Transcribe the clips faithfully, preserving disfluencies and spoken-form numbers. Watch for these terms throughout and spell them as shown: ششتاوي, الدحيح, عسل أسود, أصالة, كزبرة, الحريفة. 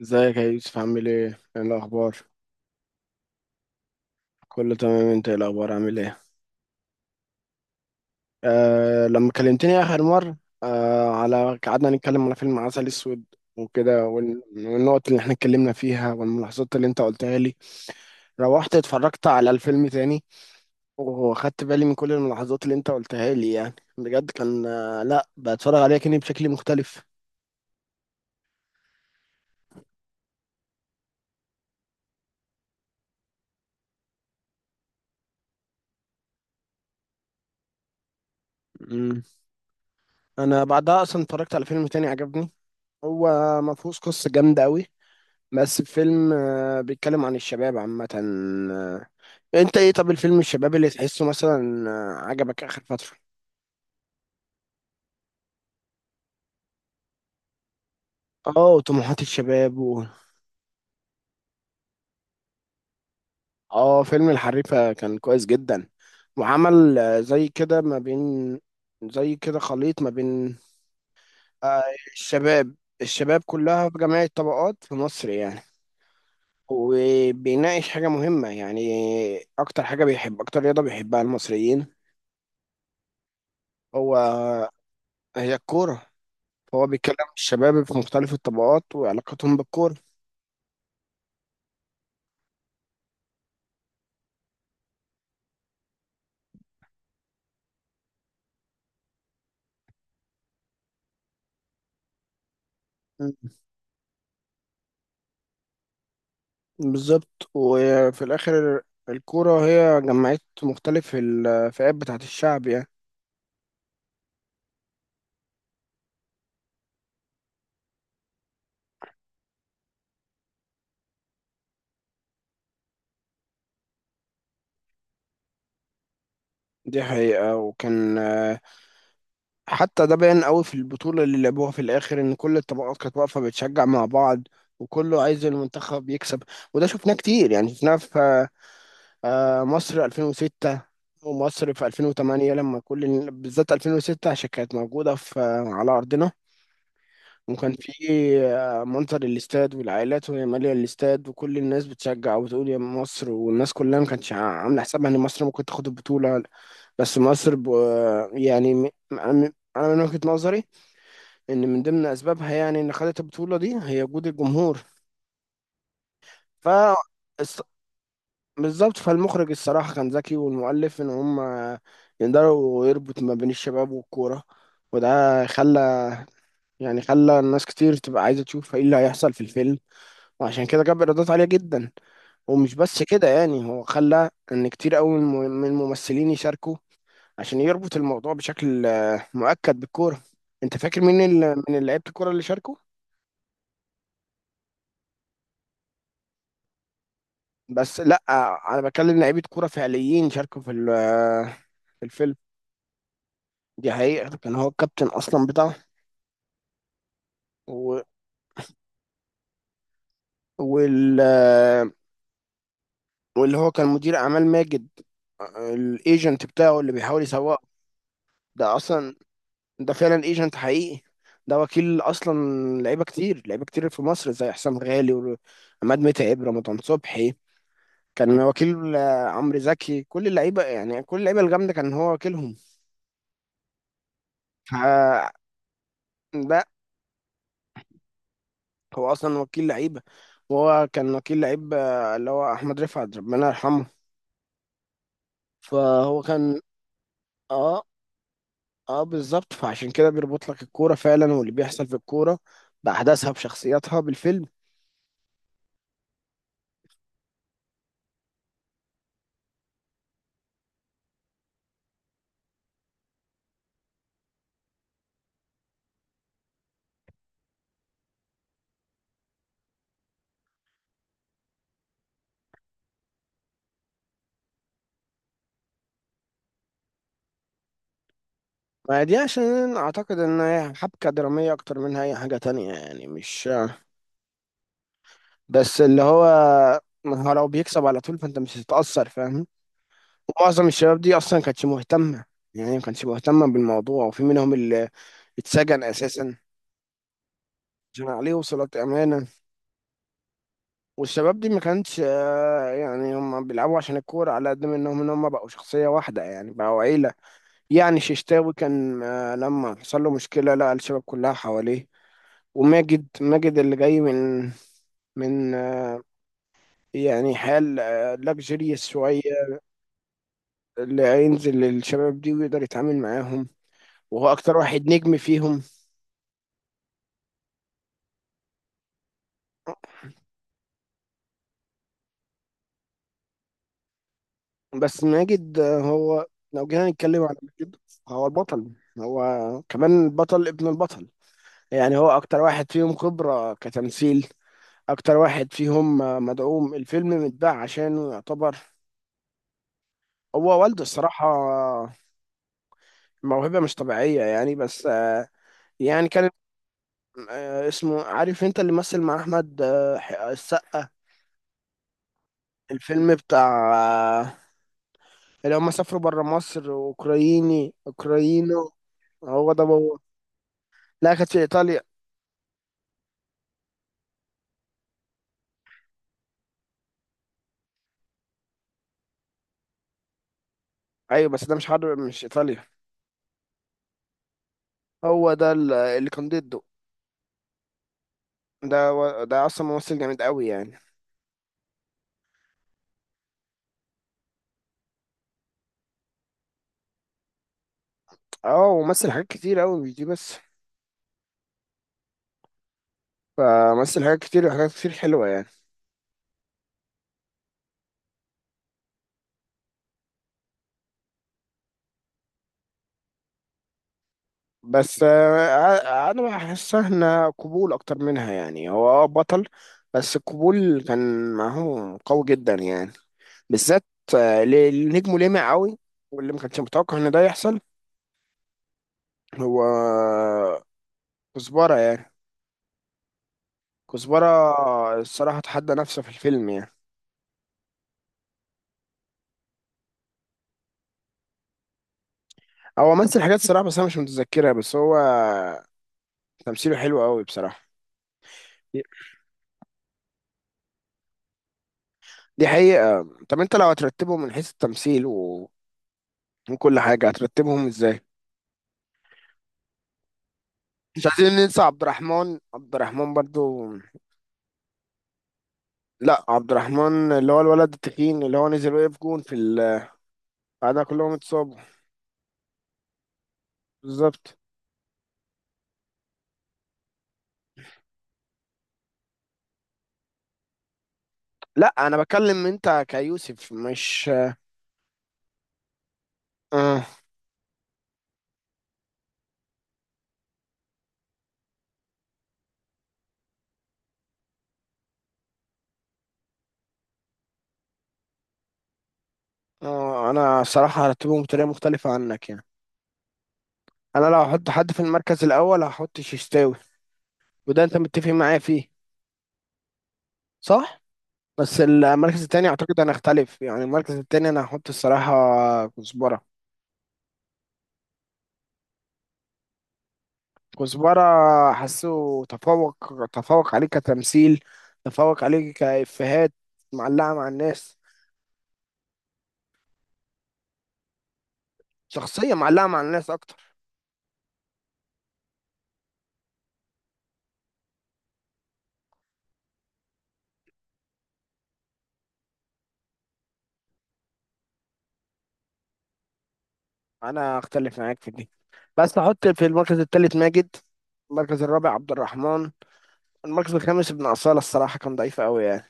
ازيك يا يوسف عامل ايه؟ ايه الأخبار؟ كله تمام، انت ايه الأخبار عامل ايه؟ آه لما كلمتني آخر مرة، آه على قعدنا نتكلم على فيلم عسل أسود وكده، وال- والنقط اللي احنا اتكلمنا فيها والملاحظات اللي انت قلتها لي. روحت اتفرجت على الفيلم تاني، واخدت بالي من كل الملاحظات اللي انت قلتها لي، يعني بجد كان، آه لا بتفرج عليه كأني بشكل مختلف. مم. انا بعدها اصلا اتفرجت على فيلم تاني عجبني، هو ما فيهوش قصة جامدة قوي، بس الفيلم آه، بيتكلم عن الشباب عامة آه، انت ايه، طب الفيلم الشباب اللي تحسه مثلا آه، عجبك اخر فترة؟ اه، وطموحات الشباب و... اه، فيلم الحريفة كان كويس جدا، وعمل آه، زي كده ما بين، زي كده خليط ما بين آه، الشباب، الشباب كلها في جميع الطبقات في مصر يعني. وبيناقش حاجة مهمة يعني، أكتر حاجة بيحب، أكتر رياضة بيحبها المصريين هو، هي الكورة. فهو بيتكلم عن الشباب في مختلف الطبقات وعلاقتهم بالكورة. مم. بالظبط، وفي الآخر الكورة هي جمعت مختلف الفئات بتاعت الشعب يعني. دي حقيقة، وكان آه، حتى ده باين قوي في البطولة اللي لعبوها في الآخر، إن كل الطبقات كانت واقفة بتشجع مع بعض وكله عايز المنتخب يكسب. وده شفناه كتير، يعني شفناه في آه، آه، مصر ألفين وستة، ومصر في ألفين وتمانية، لما كل، بالذات ألفين وستة عشان كانت موجودة في آه، على أرضنا. وكان في منظر الاستاد والعائلات وهي مالية الاستاد وكل الناس بتشجع وتقول يا مصر، والناس كلها ما كانتش عاملة حسابها ان مصر ممكن تاخد البطولة. بس مصر ب... آه، يعني م... م- انا من وجهة نظري، ان من ضمن اسبابها يعني ان خدت البطولة دي هي وجود الجمهور. ف الص- بالظبط، فالمخرج الصراحة كان ذكي والمؤلف ان هم يقدروا يربط ما بين الشباب والكورة، وده خلى، يعني خلى الناس كتير تبقى عايزة تشوف ايه اللي هيحصل في الفيلم، وعشان كده جاب ايرادات عاليه جدا. ومش بس كده يعني، هو خلى ان كتير قوي من الممثلين يشاركوا عشان يربط الموضوع بشكل آه، مؤكد بالكوره. انت فاكر مين ال- من لعيبه الكوره اللي شاركوا؟ بس لا، انا بكلم لعيبه كوره فعليين شاركوا في ال- آه، في الفيلم. دي حقيقه، كان هو الكابتن اصلا بتاعه. و... وال... آه، واللي هو كان مدير اعمال ماجد، آه، الايجنت بتاعه اللي بيحاول يسوقه. ده اصلا، ده فعلا ايجنت حقيقي، ده وكيل اصلا لعيبه كتير، لعيبه كتير في مصر زي حسام غالي وعماد متعب رمضان صبحي. كان وكيل آه، عمرو زكي، كل اللعيبه يعني، كل اللعيبه الجامده كان هو وكيلهم. فلا، هو اصلا وكيل لعيبه. وهو كان وكيل لعيب آه، اللي هو احمد رفعت، ربنا يرحمه. فهو كان، اه اه بالظبط، فعشان كده بيربط لك الكوره فعلا، واللي بيحصل في الكوره باحداثها بشخصياتها بالفيلم. ما دي عشان اعتقد ان هي حبكة درامية اكتر منها اي حاجة تانية يعني، مش بس اللي هو، ما هو لو بيكسب على طول فانت مش هتتأثر فاهم. ومعظم الشباب دي اصلا ما كانتش مهتمة، يعني ما كانتش مهتمة بالموضوع، وفي منهم اللي اتسجن اساسا عشان عليه وصلة امانة. والشباب دي ما كانتش آه، يعني هم بيلعبوا عشان الكورة، على قد ما انهم ان هم بقوا شخصية واحدة يعني بقوا عيلة. يعني ششتاوي كان آه، لما حصل له مشكلة لقى الشباب كلها حواليه. وماجد، ماجد اللي جاي من من آه، يعني حال لاكجيريس شوية، اللي هينزل للشباب دي ويقدر يتعامل معاهم، وهو أكتر واحد نجم فيهم. بس ماجد، آه، هو لو جينا نتكلم على ماجد، هو البطل، هو كمان البطل ابن البطل. يعني هو أكتر واحد فيهم خبرة كتمثيل، أكتر واحد فيهم آه، مدعوم، الفيلم متباع عشانه يعتبر. هو والده الصراحة آه، موهبة مش طبيعية يعني، بس آه، يعني كان آه، اسمه، عارف انت اللي مثل مع احمد، آه، ح- آه، السقا. الفيلم بتاع آه، اللي هم سافروا بره مصر، اوكرايني، اوكراينو، هو ده هو. لا، كانت في ايطاليا. ايوه، بس ده مش حرب مش ايطاليا. هو ده ال- اللي كان ضده. ده و- ده اصلا ممثل جامد قوي يعني. اه، ومثل حاجات كتير قوي مش دي بس، فمثل حاجات كتير وحاجات كتير حلوه يعني. بس آه، انا بحس احنا قبول اكتر منها يعني، هو آه بطل بس القبول كان معاه قوي جدا يعني، بالذات آه، اللي اللي نجمه لامع قوي واللي ما كانش متوقع ان ده يحصل. هو آه، كزبرة يعني. كزبرة الصراحة تحدى نفسه في الفيلم يعني. هو مثل حاجات الصراحة بس انا مش متذكرها، بس هو تمثيله حلو قوي بصراحة. دي دي حقيقة. طب انت لو هترتبهم من حيث التمثيل و- وكل حاجة، هترتبهم ازاي؟ مش عايزين ننسى عبد الرحمن، عبد الرحمن برضو. لا، عبد الرحمن اللي هو الولد التخين اللي هو نزل وقف جون في ال، بعدها كلهم اتصابوا. بالظبط. لا، انا بكلم انت كيوسف مش، آه. آه. انا صراحة هرتبهم بطريقة مختلفة عنك يعني. انا لو هحط حد في المركز الاول هحط ششتاوي، وده انت متفق معايا فيه صح؟ بس المركز التاني اعتقد انا اختلف يعني، المركز التاني انا هحط الصراحة كزبرة. كزبرة حاسه تفوق، تفوق عليه كتمثيل، تفوق عليه كإفيهات، معلقة مع الناس، شخصية معلقة مع الناس أكتر. أنا أختلف معاك في دي، بس أحط في المركز الثالث ماجد، المركز الرابع عبد الرحمن، المركز الخامس ابن أصالة الصراحة كان ضعيف أوي يعني.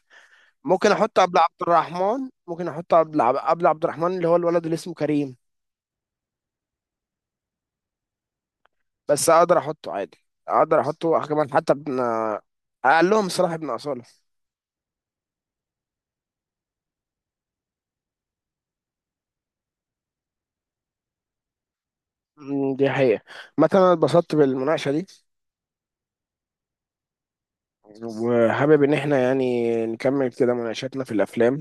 ممكن أحط قبل عبد الرحمن، ممكن أحط قبل عب- قبل عبد الرحمن اللي هو الولد اللي اسمه كريم. بس أقدر أحطه عادي، أقدر أحطه كمان حتى ابن، أقلهم الصراحة ابن أصالة. مم، دي حقيقة، مثلا أنا اتبسطت بالمناقشة دي، وحابب إن احنا يعني نكمل كده مناقشاتنا في الأفلام.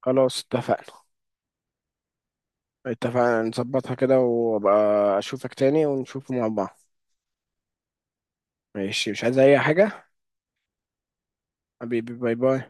خلاص، اتفقنا. اتفقنا نظبطها كده، وأبقى أشوفك تاني ونشوفه مع بعض. ماشي، مش عايز أي حاجة. حبيبي، باي باي